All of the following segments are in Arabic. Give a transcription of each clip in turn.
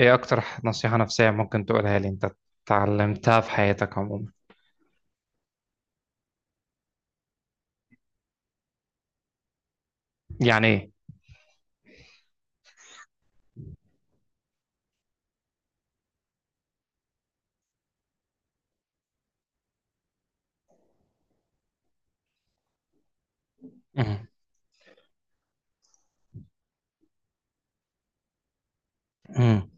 ايه اكتر نصيحة نفسية ممكن تقولها لي انت اتعلمتها في حياتك عموما. يعني ايه؟ مهم. مهم.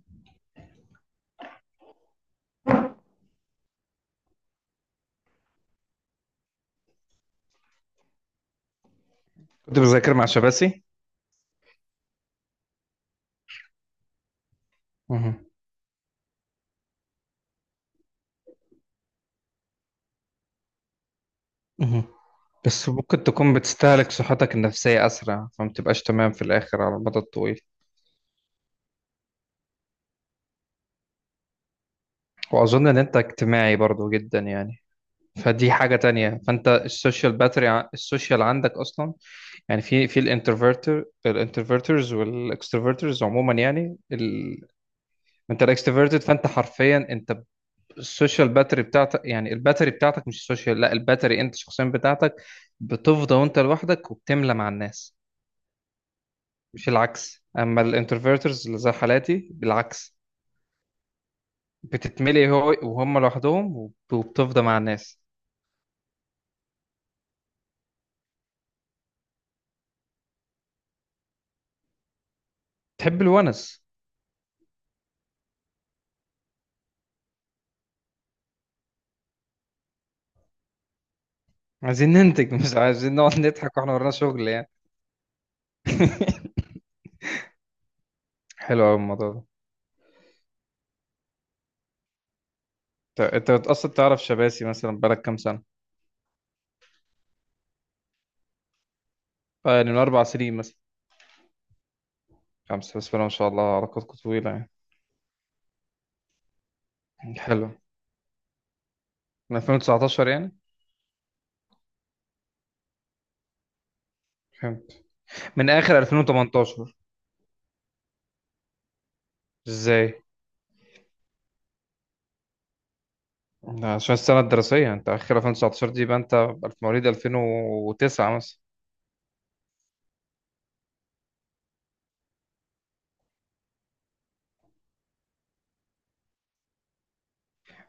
كنت بذاكر مع شباسي. مهم. مهم. بس ممكن تكون بتستهلك صحتك النفسية أسرع فما بتبقاش تمام في الآخر على المدى الطويل. وأظن إن أنت اجتماعي برضو جدا يعني، فدي حاجة تانية، فأنت السوشيال باتري السوشيال عندك أصلا. يعني في الانترفيرتر الانترفيرترز والإكستروفيرترز عموما، يعني أنت الإكستروفيرتد، فأنت حرفيا أنت السوشيال باتري بتاعتك، يعني الباتري بتاعتك مش السوشيال، لا الباتري انت شخصيا بتاعتك. بتفضى وانت لوحدك وبتملى مع الناس، مش العكس. اما الانتروفيرترز اللي زي حالاتي بالعكس، بتتملي هو وهم لوحدهم وبتفضى مع الناس. تحب الونس. عايزين ننتج، مش عايزين نقعد نضحك واحنا ورانا شغل يعني. حلو قوي الموضوع ده. انت انت اصلا تعرف شباسي مثلا بقالك كام سنه؟ آه، يعني من اربع سنين مثلا. خمسه، بس ما شاء الله علاقتكم طويله يعني. حلو. من 2019 يعني؟ فهمت. من اخر 2018؟ ازاي؟ ده عشان السنه الدراسيه، انت اخر 2019 دي يبقى انت في مواليد 2009 مثلا.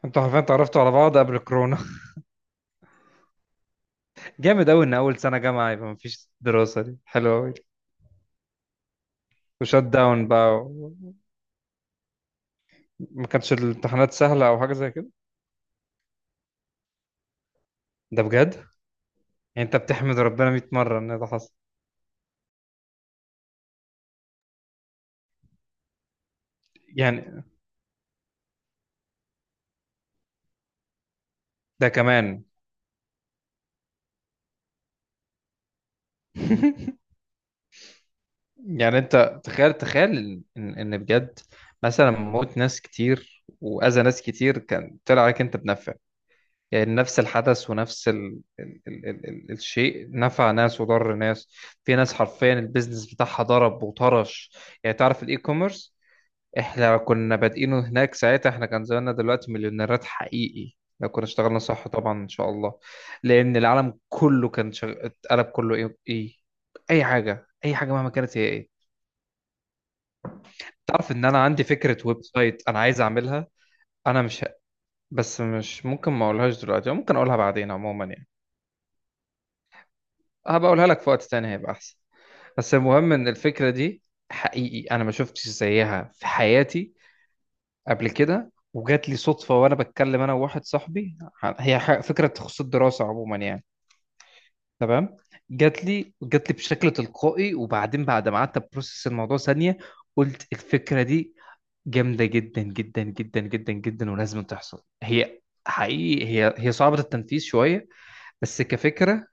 انتوا عارفين اتعرفتوا على بعض قبل الكورونا؟ جامد قوي ان اول سنه جامعه يبقى مفيش دراسه، دي حلوه قوي. وشات داون بقى ما كانتش الامتحانات سهله او حاجه زي كده. ده بجد، يعني انت بتحمد ربنا 100 مره ان ده حصل. يعني ده كمان! يعني انت تخيل، تخيل ان بجد، مثلا موت ناس كتير واذى ناس كتير كان طلع عليك انت بنفع. يعني نفس الحدث ونفس الشيء نفع ناس وضر ناس. في ناس حرفيا البيزنس بتاعها ضرب وطرش. يعني تعرف الاي كوميرس، احنا كنا بادئينه هناك ساعتها، احنا كان زماننا دلوقتي مليونيرات حقيقي لو كنا اشتغلنا صح طبعا ان شاء الله. لان العالم كله اتقلب كله. ايه ايه، اي حاجه اي حاجه مهما كانت هي ايه. تعرف ان انا عندي فكره ويب سايت انا عايز اعملها؟ انا مش، بس مش ممكن ما اقولهاش دلوقتي، أو ممكن اقولها بعدين عموما يعني. هبقولها لك في وقت تاني هيبقى احسن. بس المهم ان الفكره دي، حقيقي انا ما شفتش زيها في حياتي قبل كده، وجات لي صدفه وانا بتكلم انا وواحد صاحبي. هي فكره تخص الدراسه عموما يعني. تمام. جات لي بشكل تلقائي، وبعدين بعد ما قعدت بروسس الموضوع ثانيه قلت الفكره دي جامده جدا جدا جدا جدا جدا ولازم تحصل. هي حقيقي هي صعبه التنفيذ شويه، بس كفكره،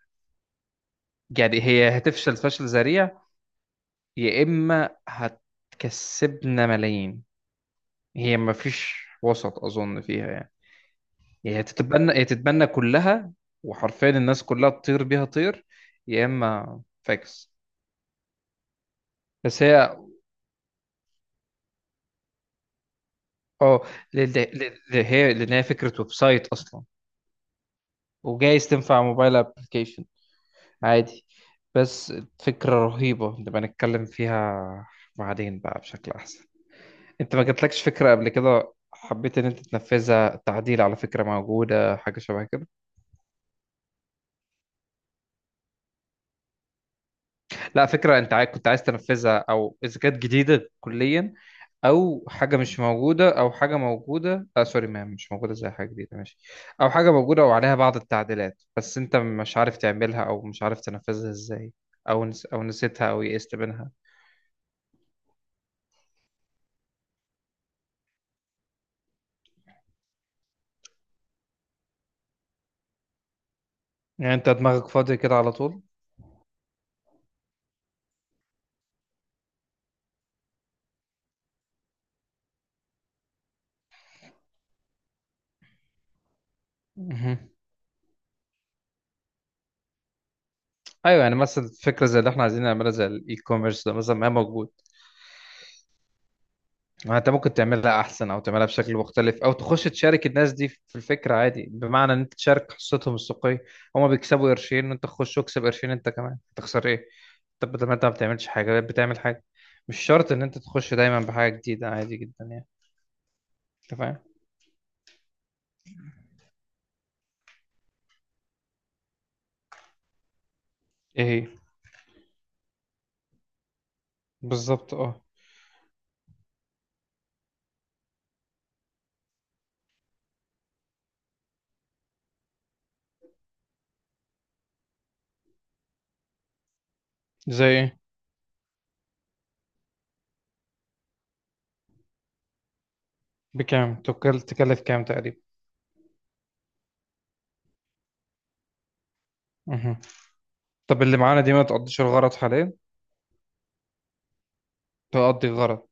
يعني هي هتفشل فشل ذريع يا إما هتكسبنا ملايين. هي مفيش وسط أظن فيها يعني. هي هتتبنى، هي تتبنى كلها وحرفيا الناس كلها تطير بيها طير، يا إما فاكس. بس هي اه، هي لأن هي فكرة ويب سايت أصلا، وجايز تنفع موبايل أبلكيشن عادي. بس فكرة رهيبة نبقى نتكلم فيها بعدين بقى بشكل أحسن. أنت ما جاتلكش فكرة قبل كده حبيت إن أنت تنفذها، تعديل على فكرة موجودة، حاجة شبه كده؟ لا، فكرة انت عايز، كنت عايز تنفذها، او اذا كانت جديدة كليا، او حاجة مش موجودة، او حاجة موجودة، آه سوري، ما مش موجودة زي حاجة جديدة ماشي، او حاجة موجودة وعليها بعض التعديلات بس انت مش عارف تعملها او مش عارف تنفذها ازاي، او او نسيتها او يئست منها. يعني انت دماغك فاضي كده على طول؟ مهم. ايوه، يعني مثلا فكرة زي اللي احنا عايزين نعملها زي الاي كوميرس ده مثلا، ما هي موجود. ما انت ممكن تعملها احسن او تعملها بشكل مختلف، او تخش تشارك الناس دي في الفكره عادي، بمعنى ان انت تشارك حصتهم السوقيه. هما بيكسبوا قرشين وانت تخش واكسب قرشين انت كمان، تخسر ايه؟ طب بدل ما انت ما بتعملش حاجه، بتعمل حاجه. مش شرط ان انت تخش دايما بحاجه جديده، عادي جدا يعني. انت فاهم؟ ايه هي؟ بالظبط اه. زي ايه؟ بكام تكلف كام تقريبا؟ مهم. طب اللي معانا دي ما تقضيش الغرض حاليا؟ تقضي الغرض.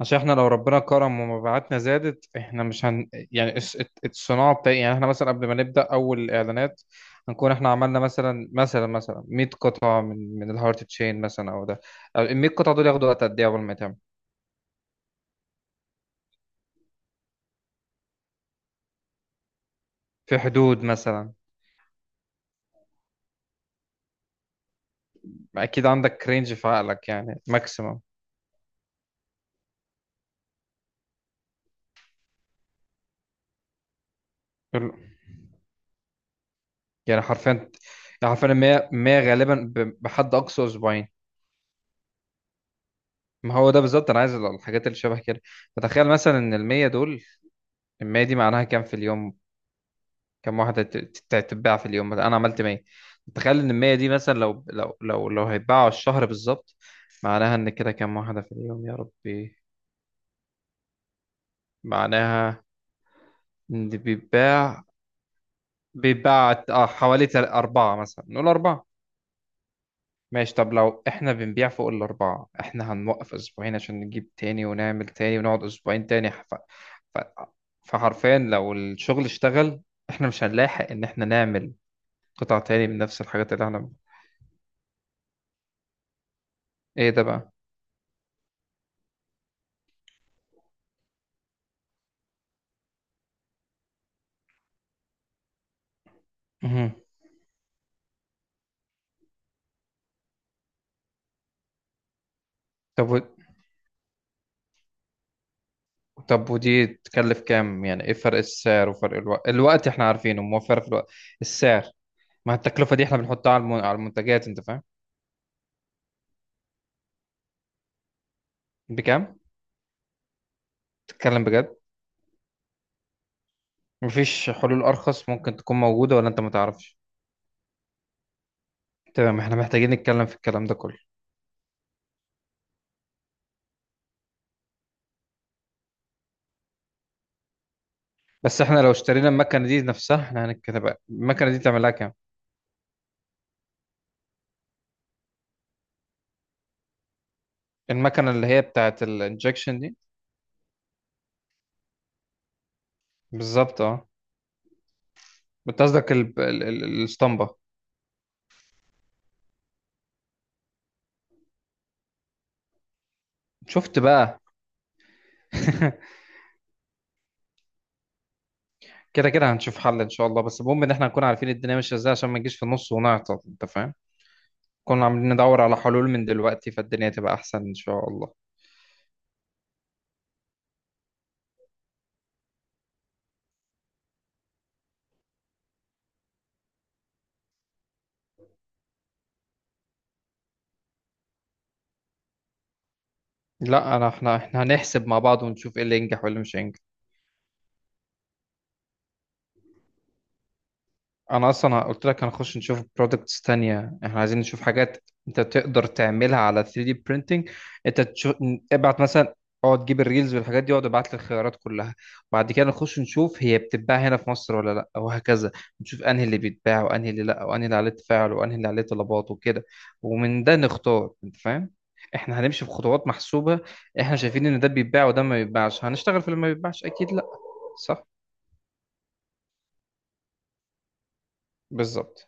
عشان احنا لو ربنا كرم ومبيعاتنا زادت احنا مش هن، يعني الصناعه بتاعي يعني، احنا مثلا قبل ما نبدا اول اعلانات هنكون احنا عملنا مثلا 100 قطعه من الهارت تشين مثلا او ده، ال 100 قطعه دول ياخدوا وقت قد ايه قبل ما يتعمل؟ في حدود مثلا، اكيد عندك رينج في عقلك يعني ماكسيمم. يعني حرفيا، يعني حرفيا 100، 100 غالبا بحد اقصى اسبوعين. ما هو ده بالظبط انا عايز الحاجات اللي شبه كده. فتخيل مثلا ان ال 100 دول، ال 100 دي معناها كام في اليوم؟ كم واحدة تتباع في اليوم؟ مثلا أنا عملت 100، تخيل إن المية دي مثلا لو هيتباعوا الشهر بالظبط، معناها إن كده كم واحدة في اليوم يا ربي؟ معناها إن بيتباع، بيتباع حوالي أربعة، مثلا نقول أربعة. ماشي. طب لو إحنا بنبيع فوق الأربعة، إحنا هنوقف أسبوعين عشان نجيب تاني ونعمل تاني، ونقعد أسبوعين تاني ف... فحرفيا لو الشغل اشتغل إحنا مش هنلاحق إن إحنا نعمل قطع تاني من نفس الحاجات اللي إحنا. إيه ده بقى؟ طب و... طب ودي تكلف كام؟ يعني ايه فرق السعر وفرق الوقت؟ الوقت احنا عارفينه موفر في الوقت، السعر؟ ما التكلفة دي احنا بنحطها على على المنتجات، انت فاهم. بكام؟ تتكلم بجد؟ مفيش حلول ارخص ممكن تكون موجودة ولا انت ما تعرفش؟ تمام، احنا محتاجين نتكلم في الكلام ده كله. بس احنا لو اشترينا المكنة دي نفسها، احنا هنتكلم بقى المكنة دي تعمل لها كام. المكنة اللي هي بتاعت الانجكشن دي. بالظبط اه. بتصدق الاسطمبة. شفت بقى. كده كده هنشوف حل ان شاء الله، بس المهم ان احنا نكون عارفين الدنيا ماشيه ازاي عشان ما نجيش في النص ونعطل، انت فاهم. كنا عاملين ندور على حلول من دلوقتي فالدنيا تبقى احسن ان شاء الله. لا انا، احنا احنا هنحسب مع بعض ونشوف ايه اللي ينجح وايه اللي مش هينجح. انا اصلا قلت لك هنخش نشوف برودكتس تانية، احنا عايزين نشوف حاجات انت تقدر تعملها على 3D printing. انت تشوف، ابعت مثلا، اقعد جيب الريلز والحاجات دي، اقعد ابعت لي الخيارات كلها، وبعد كده نخش نشوف هي بتتباع هنا في مصر ولا لا، وهكذا. نشوف انهي اللي بيتباع وانهي اللي لا وانهي اللي عليه تفاعل وانهي اللي عليه طلبات وكده، ومن ده نختار، انت فاهم. احنا هنمشي بخطوات محسوبة. احنا شايفين ان ده بيتباع وده ما بيتباعش، هنشتغل في اللي ما بيتباعش؟ اكيد لا. صح؟ بالظبط.